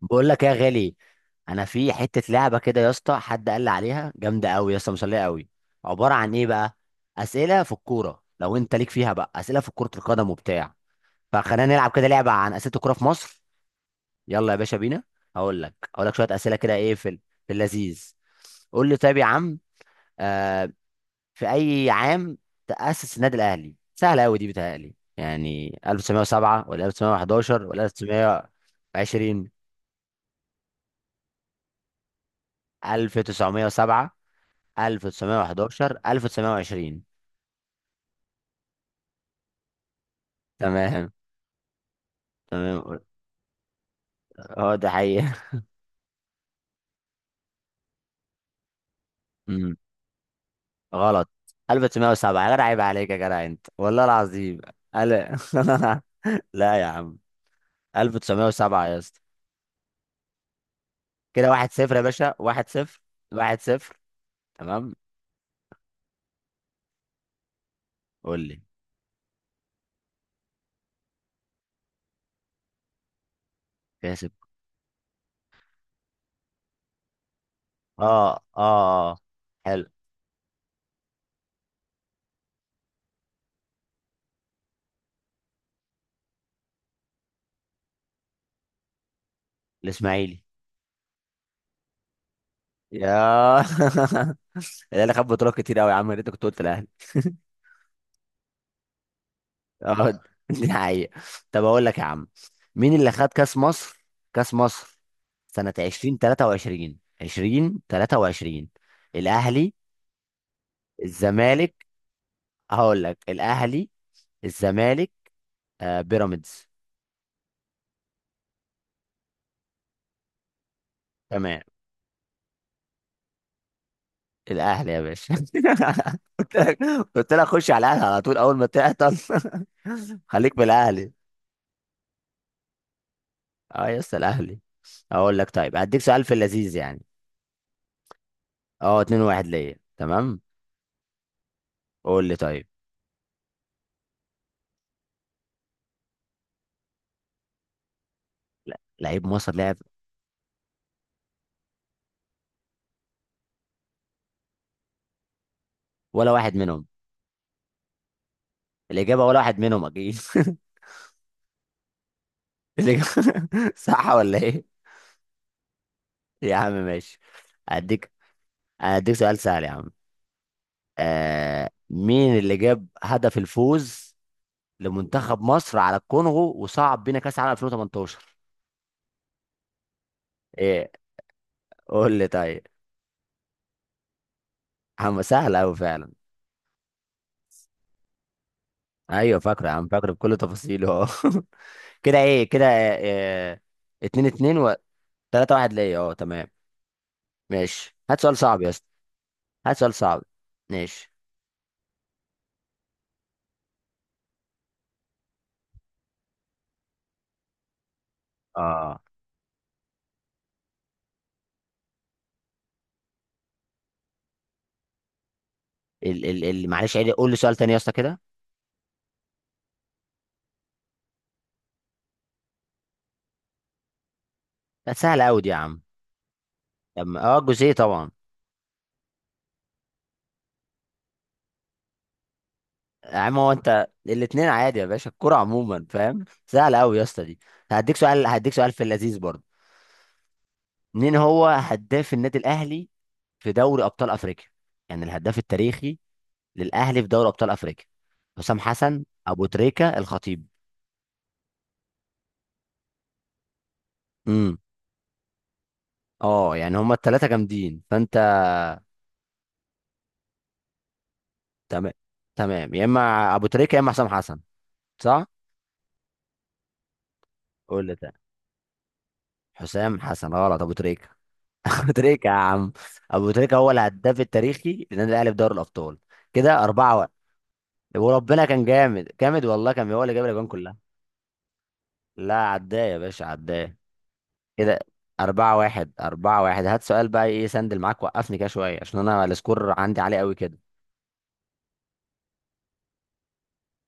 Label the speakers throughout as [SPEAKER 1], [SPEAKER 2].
[SPEAKER 1] بقول لك إيه يا غالي؟ انا في حته لعبه كده يا اسطى، حد قال لي عليها جامده قوي يا اسطى، مسليه قوي. عباره عن ايه بقى؟ اسئله في الكوره، لو انت ليك فيها بقى اسئله في كره القدم وبتاع، فخلينا نلعب كده لعبه عن اسئله الكوره في مصر. يلا يا باشا بينا. هقول لك شويه اسئله كده. في اللذيذ. قول لي طيب يا عم. آه، في اي عام تاسس النادي الاهلي؟ سهله قوي دي، بتهيألي يعني 1907 ولا 1911 ولا 1920. 1907، 1911، 1920. تمام. تمام. هو ده حقيقة. أمم، غلط. 1907 يا جدع، عيب عليك يا جدع انت والله العظيم. ألا لا يا عم، 1907 يا اسطى. كده واحد صفر يا باشا، واحد صفر، واحد صفر. تمام. قول لي. كاسب. اه اه حلو. الاسماعيلي. يا الاهلي خد بطولات كتير قوي يا عم، يا ريتك كنت قلت الاهلي. اه دي حقيقة. طب اقول لك يا عم، مين اللي خد كاس مصر سنة 2023، 2023. الاهلي. الزمالك. هقول لك الاهلي، الزمالك، آه بيراميدز. تمام، الاهلي يا باشا قلت لك، قلت لك خش على الاهلي على طول اول ما تعطل. خليك بالاهلي. اه يا اسطى الاهلي. اقول لك طيب، هديك سؤال في اللذيذ يعني. اه، 2 1 ليا، تمام. قول لي طيب. لعيب مصر لعب. ولا واحد منهم. الإجابة ولا واحد منهم أكيد. الإجابة صح ولا إيه؟ يا عم ماشي. هديك هديك سؤال سهل يا عم. مين اللي جاب هدف الفوز لمنتخب مصر على الكونغو وصعد بينا كأس العالم 2018؟ إيه؟ قول لي طيب. عم سهل أوي فعلا. أيوه فاكره يا عم، فاكره بكل تفاصيله أه كده إيه كده، اتنين اتنين و تلاتة واحد ليا أه، تمام. ماشي، هات سؤال صعب يا اسطى. هات سؤال صعب. ماشي. اه، ال ال ال معلش عيد، قول لي سؤال تاني يا اسطى كده. لا سهله قوي دي يا عم. اه الجزئيه طبعا. يا عم هو انت الاتنين عادي يا باشا، الكرة عموما فاهم. سهله قوي يا اسطى دي. هديك سؤال، هديك سؤال في اللذيذ برضه. مين هو هداف النادي الاهلي في دوري ابطال افريقيا؟ يعني الهداف التاريخي للاهلي في دوري ابطال افريقيا؟ حسام حسن، ابو تريكه، الخطيب. امم، اه يعني هما الثلاثه جامدين فانت. تمام. تمام، يا اما ابو تريكه يا اما حسام حسن. صح. قول لي تاني. حسام حسن غلط، ابو تريكه. ابو تريكه يا عم. ابو تريكه هو الهداف التاريخي للنادي الاهلي في دوري الابطال. كده اربعه واحد. وربنا كان جامد جامد والله، كان هو اللي جاب الاجوان كلها. لا عداه يا باشا، عداه. كده أربعة واحد، أربعة واحد. هات سؤال بقى إيه سندل معاك، وقفني كده شوية عشان أنا السكور عندي عالي قوي كده.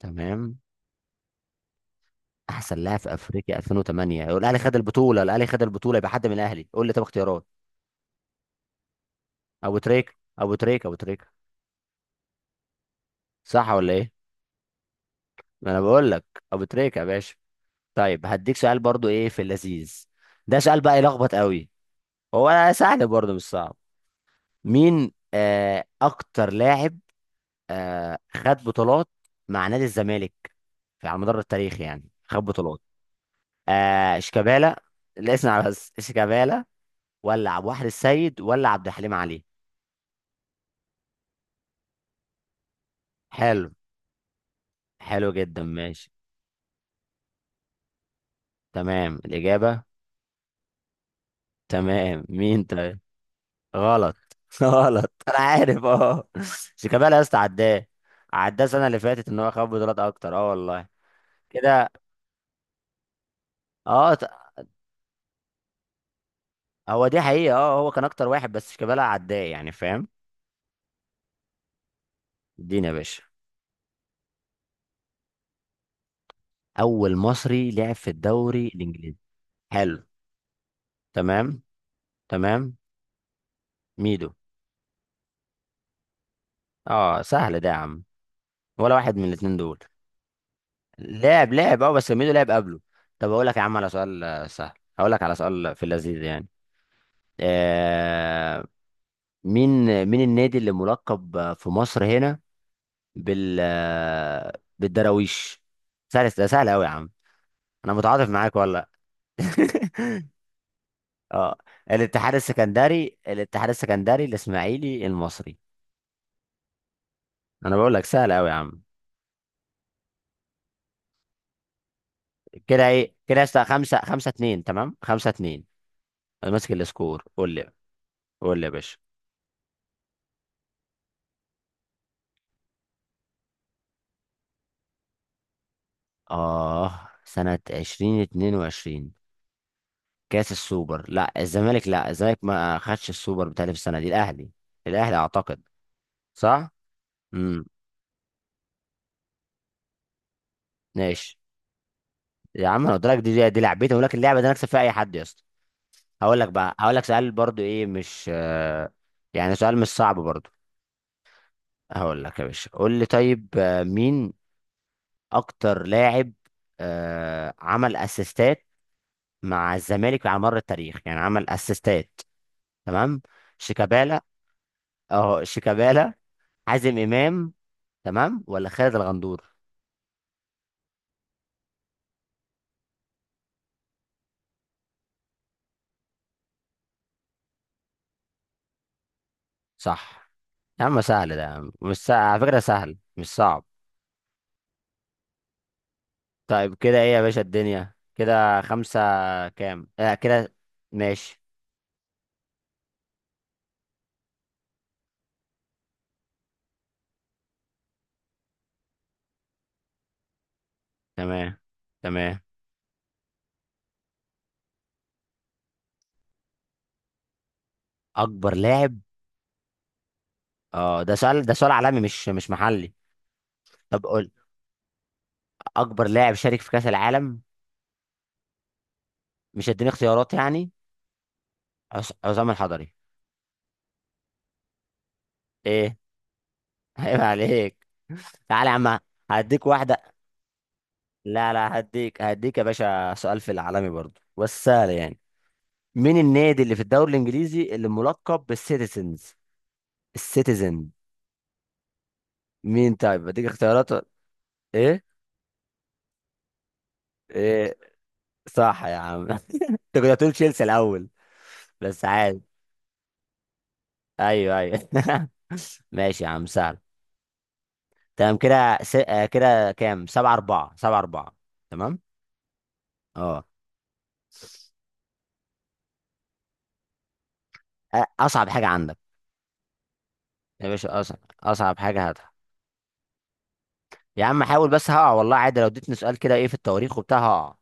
[SPEAKER 1] تمام. أحسن لاعب في أفريقيا 2008 يقول الأهلي خد البطولة، الأهلي خد البطولة يبقى حد من الأهلي. قول لي طب اختيارات. أبو تريكة، أبو تريكة، أبو تريكة. صح ولا إيه؟ ما أنا بقول لك، أبو تريكة يا باشا. طيب هديك سؤال برضو ايه في اللذيذ. ده سؤال بقى يلخبط قوي، هو سهل برضو مش صعب. مين اكتر لاعب خد بطولات مع نادي الزمالك في على مدار التاريخ، يعني خد بطولات. آه شيكابالا، لا اسمع بس، شيكابالا ولا عبد الواحد السيد ولا عبد الحليم علي. حلو. حلو جدا، ماشي. تمام الإجابة. تمام، مين طيب؟ غلط غلط، انا عارف اه. شيكابالا يا اسطى عداه، عداه السنه اللي فاتت ان هو خد بطولات اكتر اه والله. كده. اه ت- هو دي حقيقه، اه هو كان اكتر واحد بس شيكابالا عداه، يعني فاهم. اديني يا باشا. اول مصري لعب في الدوري الانجليزي. حلو، تمام. تمام. ميدو. اه سهل ده يا عم، ولا واحد من الاتنين دول. لعب، لعب اه، بس ميدو لعب قبله. طب اقول لك يا عم على سؤال سهل. هقول لك على سؤال في اللذيذ يعني. آه، مين، مين النادي اللي ملقب في مصر هنا بال، بالدراويش؟ سهل ده، سهل قوي يا عم، انا متعاطف معاك والله. اه، الاتحاد السكندري، الاتحاد السكندري، الاسماعيلي، المصري. انا بقول لك سهل قوي يا عم. كده ايه كده يا اسطى؟ خمسة، خمسة اتنين، تمام خمسة اتنين. انا ماسك السكور، قول لي. قول لي يا باشا. اه، سنة عشرين، اتنين وعشرين. كاس السوبر، لا الزمالك، لا الزمالك ما خدش السوبر بتاعي في السنة دي، الاهلي. الاهلي اعتقد. صح. امم. ماشي. يا عم انا قلت لك دي دي لعبتي، اقول لك اللعبه دي انا اكسب فيها اي حد يا اسطى. هقول لك بقى، هقول لك سؤال برضو ايه مش يعني سؤال مش صعب برضو. هقول لك يا باشا، قول لي طيب. مين اكتر لاعب عمل اسيستات مع الزمالك على مر التاريخ، يعني عمل اسيستات. تمام. شيكابالا. اه شيكابالا، حازم امام، تمام ولا خالد الغندور. صح. يا عم سهل ده يا عم. مش سهل. على فكره سهل مش صعب. طيب كده ايه يا باشا الدنيا كده، خمسة كام؟ كده. ماشي. تمام. تمام. اكبر لاعب. اه ده سؤال، ده سؤال عالمي مش مش محلي. طب قول. اكبر لاعب شارك في كأس العالم. مش هديني اختيارات يعني. عصام الحضري. ايه؟ عيب عليك. تعالى يا عم. هديك واحدة. لا لا، هديك، هديك يا باشا سؤال في العالمي برضو بس سهل يعني. مين النادي اللي في الدوري الانجليزي اللي ملقب بالسيتيزنز، السيتيزن؟ مين طيب؟ اديك اختيارات. ايه؟ ايه؟ صح يا عم انت كنت هتقول تشيلسي الاول، بس عادي. ايوه ايوه ماشي يا عم سهل. تمام. كده س... آه، كده كام؟ سبعة أربعة، سبعة أربعة. تمام. اه. أصعب حاجة عندك يا باشا. أصعب، أصعب حاجة هاتها. يا عم حاول بس هقع والله، عادي لو اديتني سؤال كده إيه في التواريخ وبتاع هقع.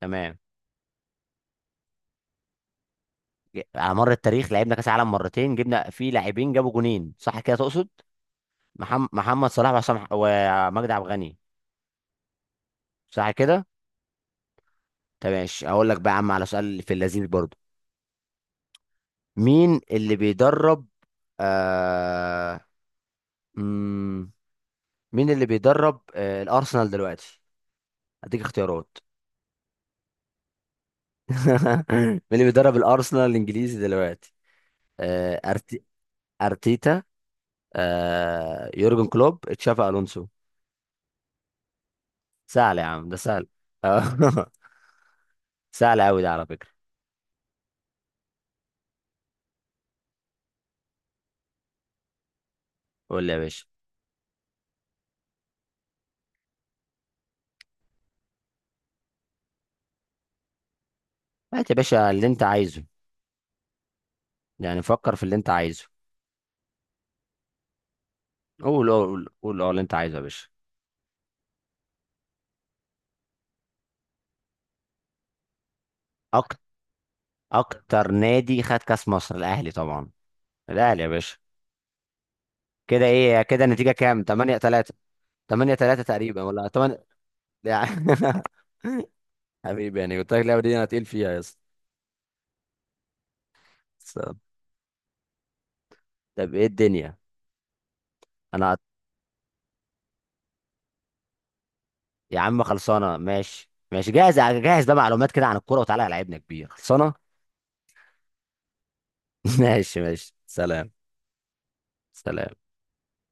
[SPEAKER 1] تمام. على مر التاريخ لعبنا كأس عالم مرتين، جبنا فيه لاعبين جابوا جونين، صح كده تقصد؟ محمد صلاح ومجدي عبد الغني. صح كده. طب ماشي، هقول لك بقى يا عم على سؤال في اللذيذ برضو. مين اللي بيدرب آه... مم... مين اللي بيدرب الارسنال دلوقتي؟ هديك اختيارات. مين اللي بيدرب الارسنال الانجليزي دلوقتي؟ آه... أرتي... ارتيتا، يورجن كلوب، تشافي الونسو. سهل يا عم ده سهل. آه، سهل قوي ده على فكره. قول لي يا باشا. هات يا باشا اللي انت عايزه، يعني فكر في اللي انت عايزه. قول قول قول قول اللي انت عايزه يا باشا. اكتر نادي خد كاس مصر الاهلي طبعا، الاهلي يا باشا. كده ايه كده النتيجه؟ كام 8 3. 8 3 تقريبا ولا 8. يعني حبيبي يعني قلت لك اللعبه دي انا تقيل فيها يا اسطى. بس- طب ايه الدنيا؟ انا، يا عم خلصانه، ماشي ماشي، جاهز جاهز بقى معلومات كده عن الكوره، وتعالى لعبنا كبير، خلصانه. ماشي ماشي سلام. سلام.